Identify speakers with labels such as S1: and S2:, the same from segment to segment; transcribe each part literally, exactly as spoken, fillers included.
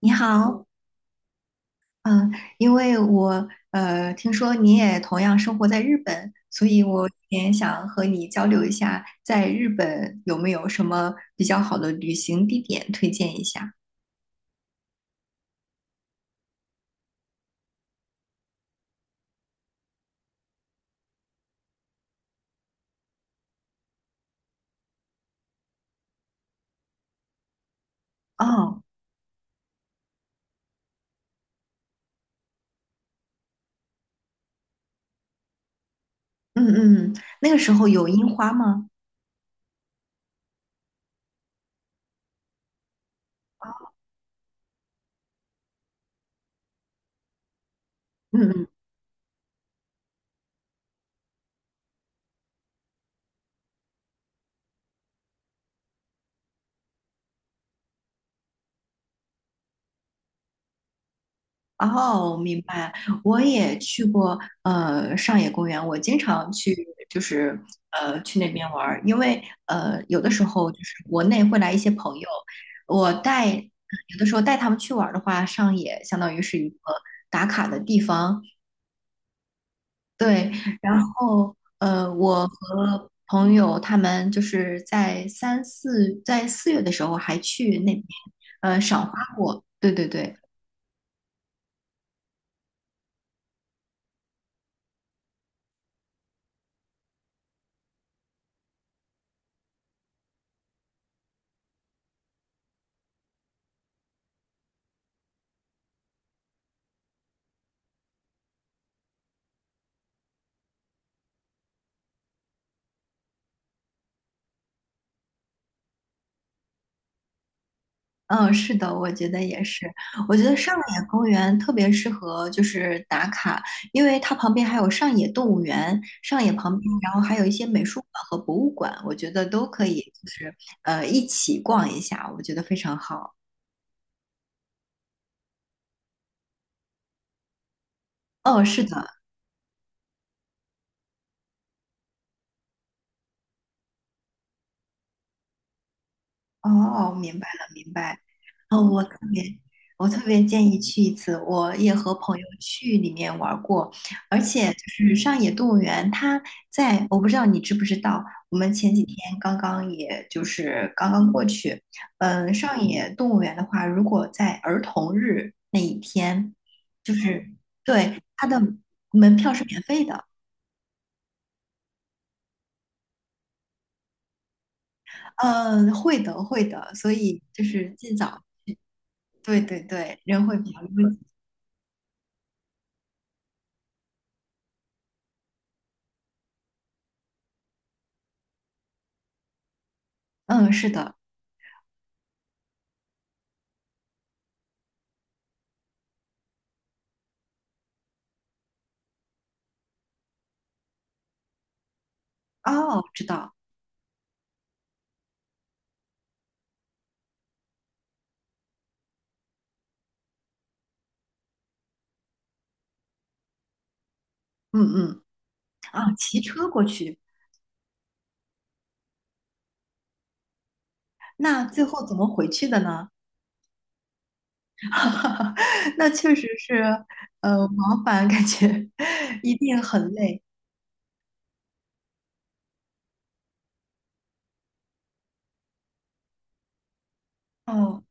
S1: 你好，嗯，因为我呃听说你也同样生活在日本，所以我也想和你交流一下，在日本有没有什么比较好的旅行地点推荐一下？哦，嗯嗯，嗯那个时候有樱花吗？嗯嗯。哦，明白。我也去过呃上野公园，我经常去，就是呃去那边玩儿，因为呃有的时候就是国内会来一些朋友，我带有的时候带他们去玩儿的话，上野相当于是一个打卡的地方，对。然后呃，我和朋友他们就是在三四在四月的时候还去那边呃赏花过，对对对。嗯，是的，我觉得也是。我觉得上野公园特别适合就是打卡，因为它旁边还有上野动物园，上野旁边，然后还有一些美术馆和博物馆，我觉得都可以，就是呃一起逛一下，我觉得非常好。哦，是的，哦，明白了，明白。哦，我特别，我特别建议去一次。我也和朋友去里面玩儿过，而且就是上野动物园，它在，我不知道你知不知道，我们前几天刚刚也就是刚刚过去。嗯，上野动物园的话，如果在儿童日那一天，就是对它的门票是免费的。嗯，会的，会的，所以就是尽早。对对对，人会比较拥挤。嗯，是的。哦，知道。嗯嗯。啊，骑车过去，那最后怎么回去的呢？那确实是，呃，往返感觉 一定很累。哦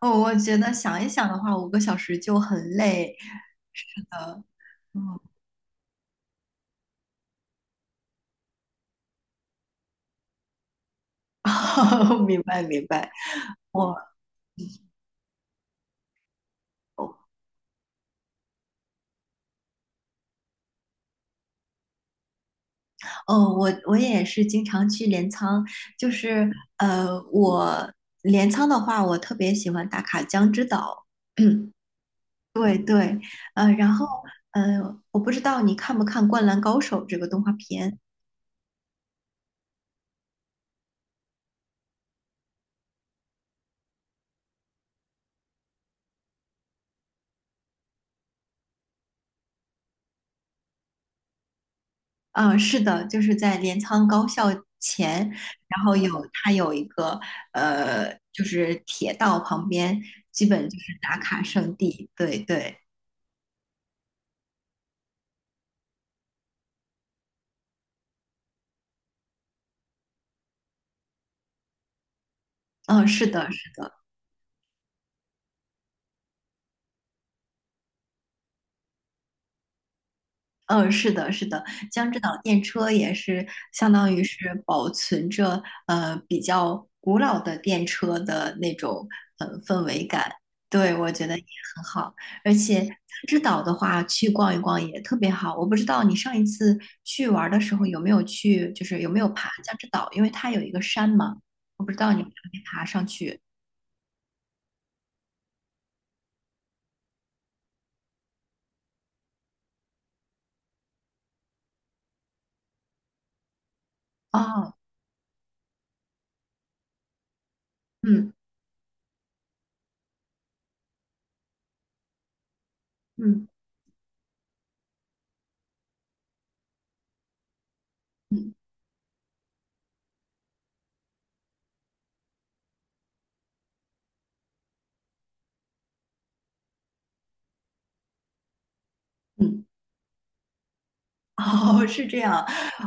S1: 哦，我觉得想一想的话，五个小时就很累。呃，嗯，明白明白。我哦，我我也是经常去镰仓，就是呃，我镰仓的话，我特别喜欢打卡江之岛。对对，呃，然后呃，我不知道你看不看《灌篮高手》这个动画片啊，是的，就是在镰仓高校前，然后有它有一个呃，就是铁道旁边，基本就是打卡圣地。对对，嗯，是的，嗯，是的，是的，江之岛电车也是相当于是保存着呃比较古老的电车的那种呃氛围感，对，我觉得也很好。而且江之岛的话，去逛一逛也特别好。我不知道你上一次去玩儿的时候有没有去，就是有没有爬江之岛，因为它有一个山嘛，我不知道你爬没爬上去。哦，嗯嗯嗯嗯。哦，是这样。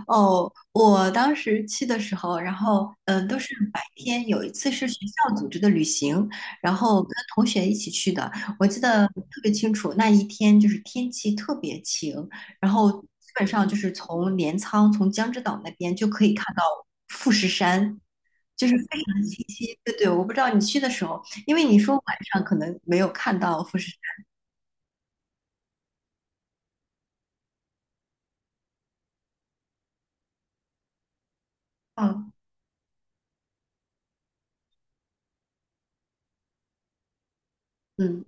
S1: 哦，我当时去的时候，然后嗯、呃都是白天。有一次是学校组织的旅行，然后跟同学一起去的。我记得特别清楚，那一天就是天气特别晴，然后基本上就是从镰仓、从江之岛那边就可以看到富士山，就是非常的清晰。对对，我不知道你去的时候，因为你说晚上可能没有看到富士山。嗯嗯。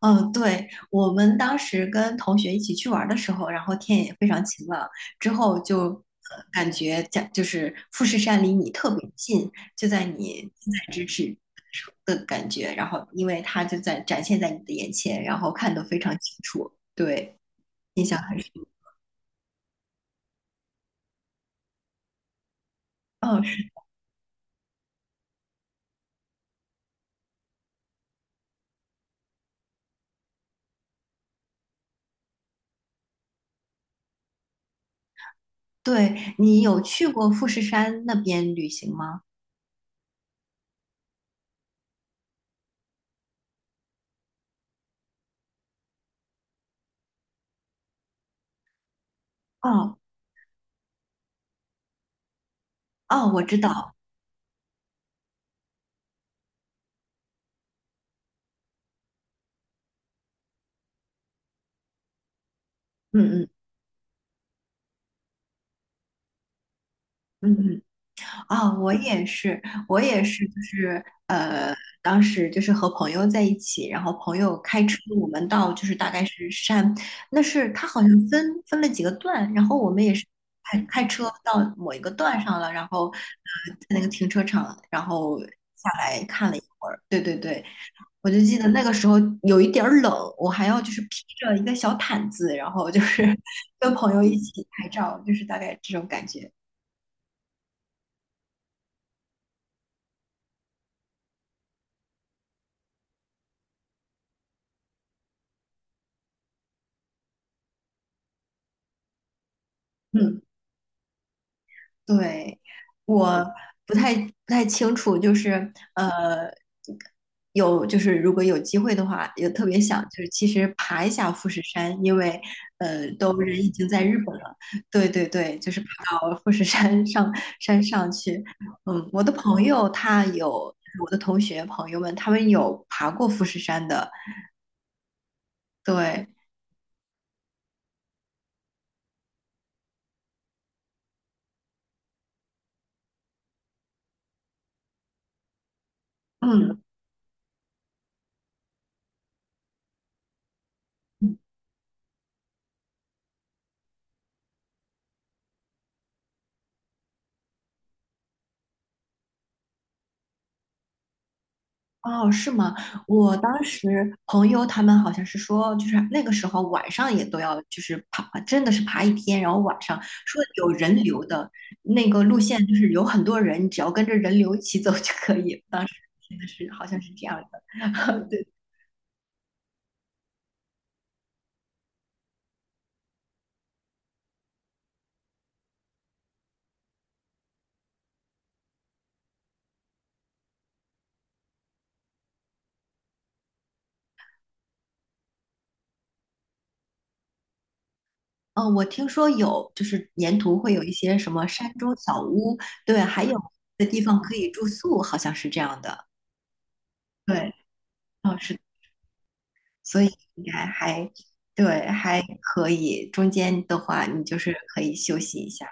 S1: 嗯，对，我们当时跟同学一起去玩儿的时候，然后天也非常晴朗，之后就呃感觉家就是富士山离你特别近，就在你近在咫尺的感觉，然后因为它就在展现在你的眼前，然后看得非常清楚，对，印象很深。嗯，是对，你有去过富士山那边旅行吗？哦哦，我知道，嗯嗯嗯嗯。啊，我也是，我也是，就是呃，当时就是和朋友在一起，然后朋友开车，我们到就是大概是山，那是他好像分分了几个段，然后我们也是开开车到某一个段上了，然后呃在那个停车场，然后下来看了一会儿，对对对，我就记得那个时候有一点儿冷，我还要就是披着一个小毯子，然后就是 跟朋友一起拍照，就是大概这种感觉，嗯。对，我不太不太清楚，就是呃，有就是如果有机会的话，也特别想就是其实爬一下富士山，因为呃都人已经在日本了，对对对，就是爬到富士山上山上去。嗯，我的朋友他有，我的同学朋友们他们有爬过富士山的，对，嗯。哦，是吗？我当时朋友他们好像是说，就是那个时候晚上也都要，就是爬，真的是爬一天，然后晚上说有人流的那个路线，就是有很多人，只要跟着人流一起走就可以。当时真的是好像是这样的，对。嗯，我听说有，就是沿途会有一些什么山中小屋，对，还有的地方可以住宿，好像是这样的。对，哦，是的。所以应该还对，还可以。中间的话，你就是可以休息一下。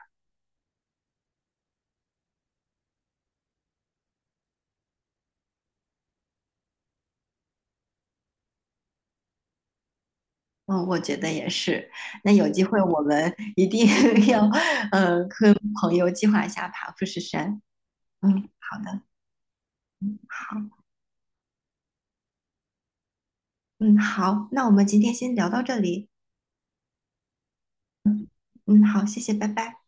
S1: 嗯，我觉得也是。那有机会我们一定 要，呃，跟朋友计划一下爬富士山。嗯，好的，嗯，好，嗯，好，那我们今天先聊到这里。嗯，嗯，好，谢谢，拜拜。